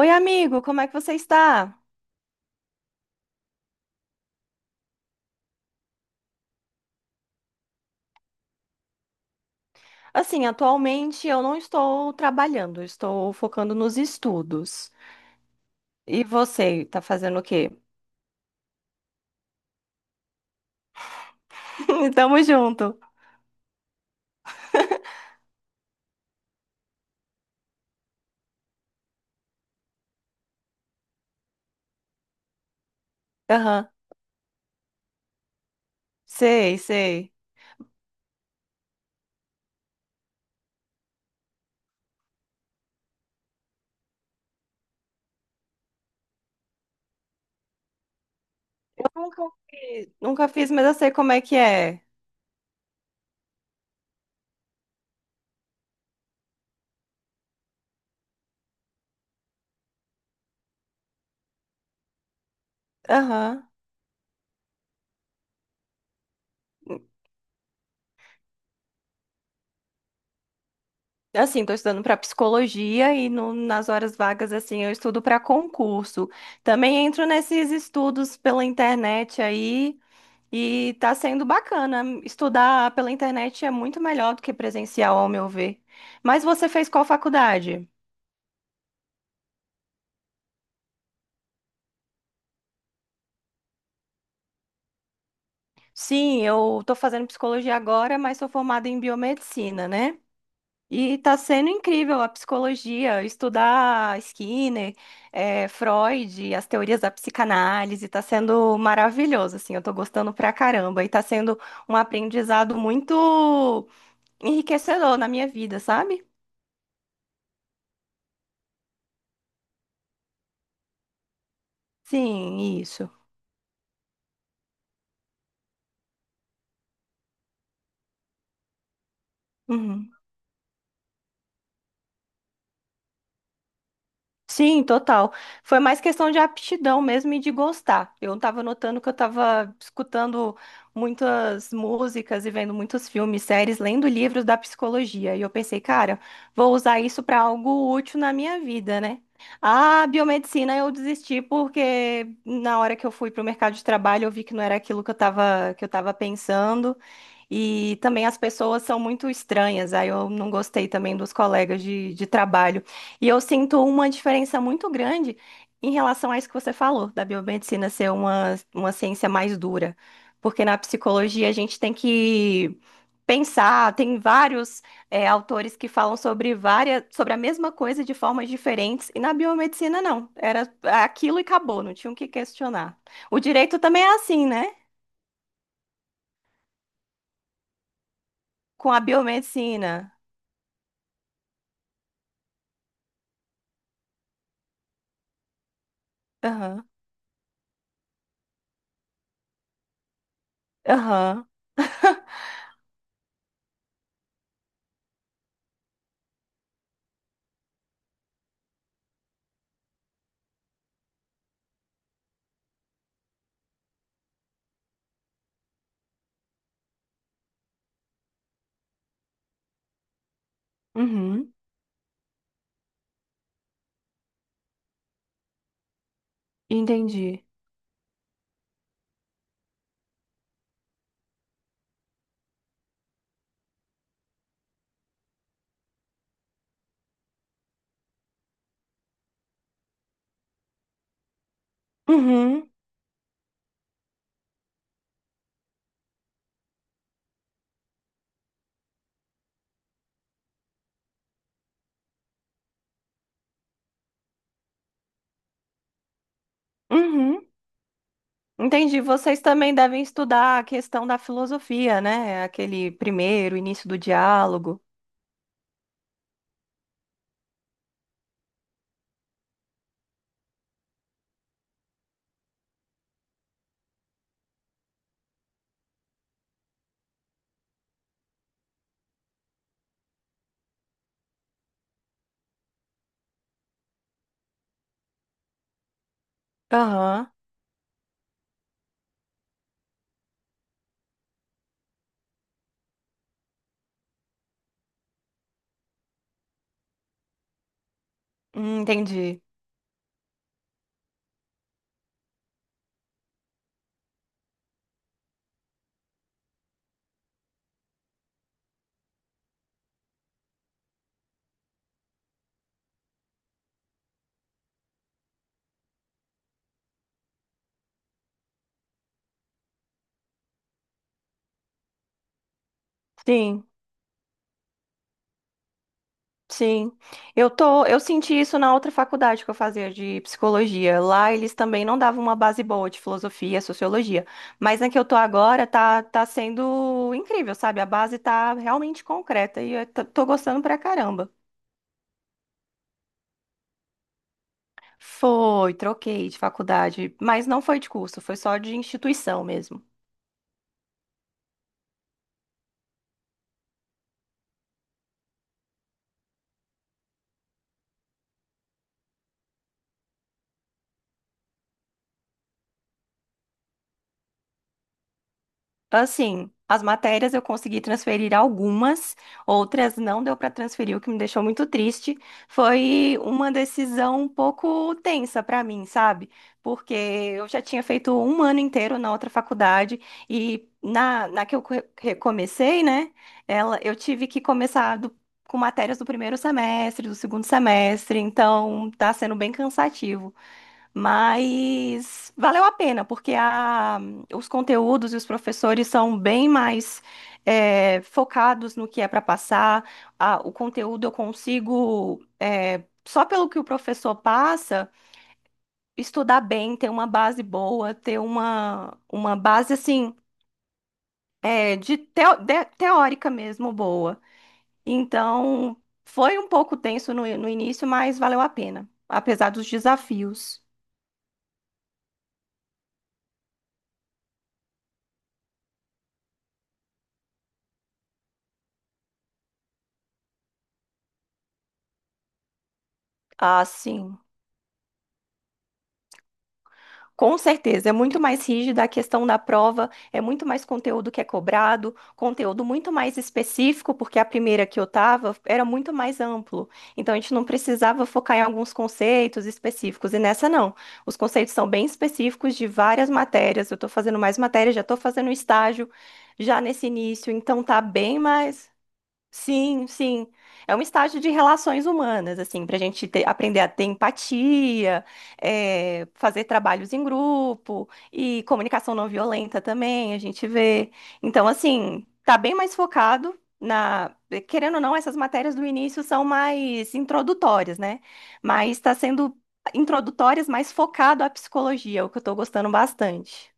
Oi, amigo, como é que você está? Assim, atualmente eu não estou trabalhando, eu estou focando nos estudos. E você, tá fazendo o quê? Tamo junto. Aham, sei, sei. Eu nunca fiz, nunca fiz, mas eu sei como é que é. Aham. Assim, estou estudando para psicologia e nas horas vagas, assim, eu estudo para concurso. Também entro nesses estudos pela internet aí e tá sendo bacana. Estudar pela internet é muito melhor do que presencial, ao meu ver. Mas você fez qual faculdade? Sim, eu estou fazendo psicologia agora, mas sou formada em biomedicina, né? E tá sendo incrível a psicologia, estudar Skinner, Freud, as teorias da psicanálise, tá sendo maravilhoso, assim, eu tô gostando pra caramba. E tá sendo um aprendizado muito enriquecedor na minha vida, sabe? Sim, isso. Uhum. Sim, total. Foi mais questão de aptidão mesmo e de gostar. Eu estava notando que eu estava escutando muitas músicas e vendo muitos filmes, séries, lendo livros da psicologia. E eu pensei, cara, vou usar isso para algo útil na minha vida, né? A biomedicina eu desisti porque na hora que eu fui para o mercado de trabalho eu vi que não era aquilo que eu estava pensando. E também as pessoas são muito estranhas, aí eu não gostei também dos colegas de trabalho. E eu sinto uma diferença muito grande em relação a isso que você falou, da biomedicina ser uma ciência mais dura. Porque na psicologia a gente tem que pensar, tem vários autores que falam sobre várias, sobre a mesma coisa de formas diferentes, e na biomedicina não, era aquilo e acabou, não tinha o que questionar. O direito também é assim, né? Com a biomedicina. Aham. Aham. Uhum. Entendi. Uhum. Uhum. Entendi. Vocês também devem estudar a questão da filosofia, né? Aquele primeiro início do diálogo. Aham. Entendi. Sim, sim. Eu tô, eu senti isso na outra faculdade que eu fazia de psicologia. Lá eles também não davam uma base boa de filosofia, sociologia. Mas na que eu tô agora tá, tá sendo incrível, sabe? A base tá realmente concreta e eu tô tô gostando pra caramba. Foi, troquei de faculdade, mas não foi de curso, foi só de instituição mesmo. Assim, as matérias eu consegui transferir algumas, outras não deu para transferir, o que me deixou muito triste. Foi uma decisão um pouco tensa para mim, sabe? Porque eu já tinha feito um ano inteiro na outra faculdade e na que eu recomecei, né? Ela, eu tive que começar com matérias do primeiro semestre, do segundo semestre, então tá sendo bem cansativo. Mas valeu a pena, porque os conteúdos e os professores são bem mais focados no que é para passar. O conteúdo eu consigo, é, só pelo que o professor passa, estudar bem, ter uma base boa, ter uma base assim, é, de teórica mesmo boa. Então, foi um pouco tenso no início, mas valeu a pena, apesar dos desafios. Ah, sim. Com certeza, é muito mais rígida a questão da prova, é muito mais conteúdo que é cobrado, conteúdo muito mais específico, porque a primeira que eu estava era muito mais amplo. Então a gente não precisava focar em alguns conceitos específicos, e nessa não. Os conceitos são bem específicos de várias matérias. Eu estou fazendo mais matérias, já estou fazendo estágio já nesse início, então tá bem mais. Sim, sim. É um estágio de relações humanas, assim, para a gente aprender a ter empatia, fazer trabalhos em grupo e comunicação não violenta também, a gente vê. Então, assim, tá bem mais focado na. Querendo ou não, essas matérias do início são mais introdutórias, né? Mas está sendo introdutórias, mais focado à psicologia, o que eu estou gostando bastante.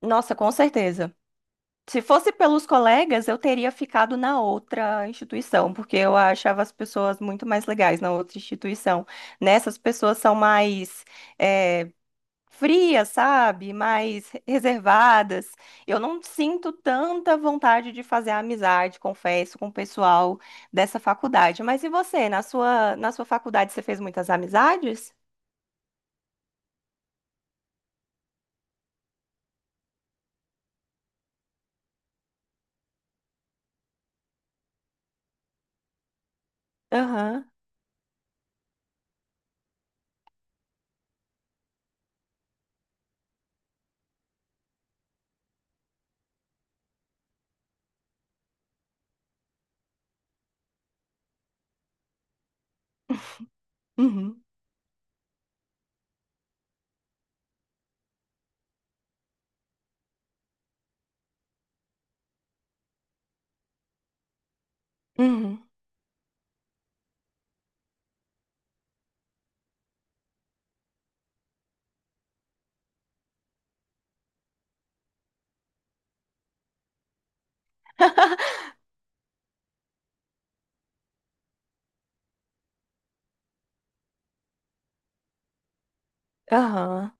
Nossa, com certeza. Se fosse pelos colegas, eu teria ficado na outra instituição, porque eu achava as pessoas muito mais legais na outra instituição. Nessas pessoas são mais eh, frias, sabe? Mais reservadas. Eu não sinto tanta vontade de fazer amizade, confesso, com o pessoal dessa faculdade. Mas e você? Na sua faculdade, você fez muitas amizades? Aham. Uhum. Uhum. Aham.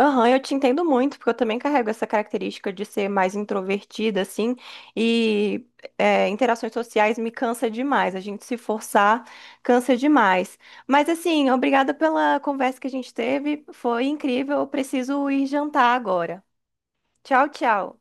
Aham, eu te entendo muito, porque eu também carrego essa característica de ser mais introvertida, assim, e é, interações sociais me cansa demais. A gente se forçar cansa demais. Mas, assim, obrigada pela conversa que a gente teve, foi incrível. Eu preciso ir jantar agora. Tchau, tchau.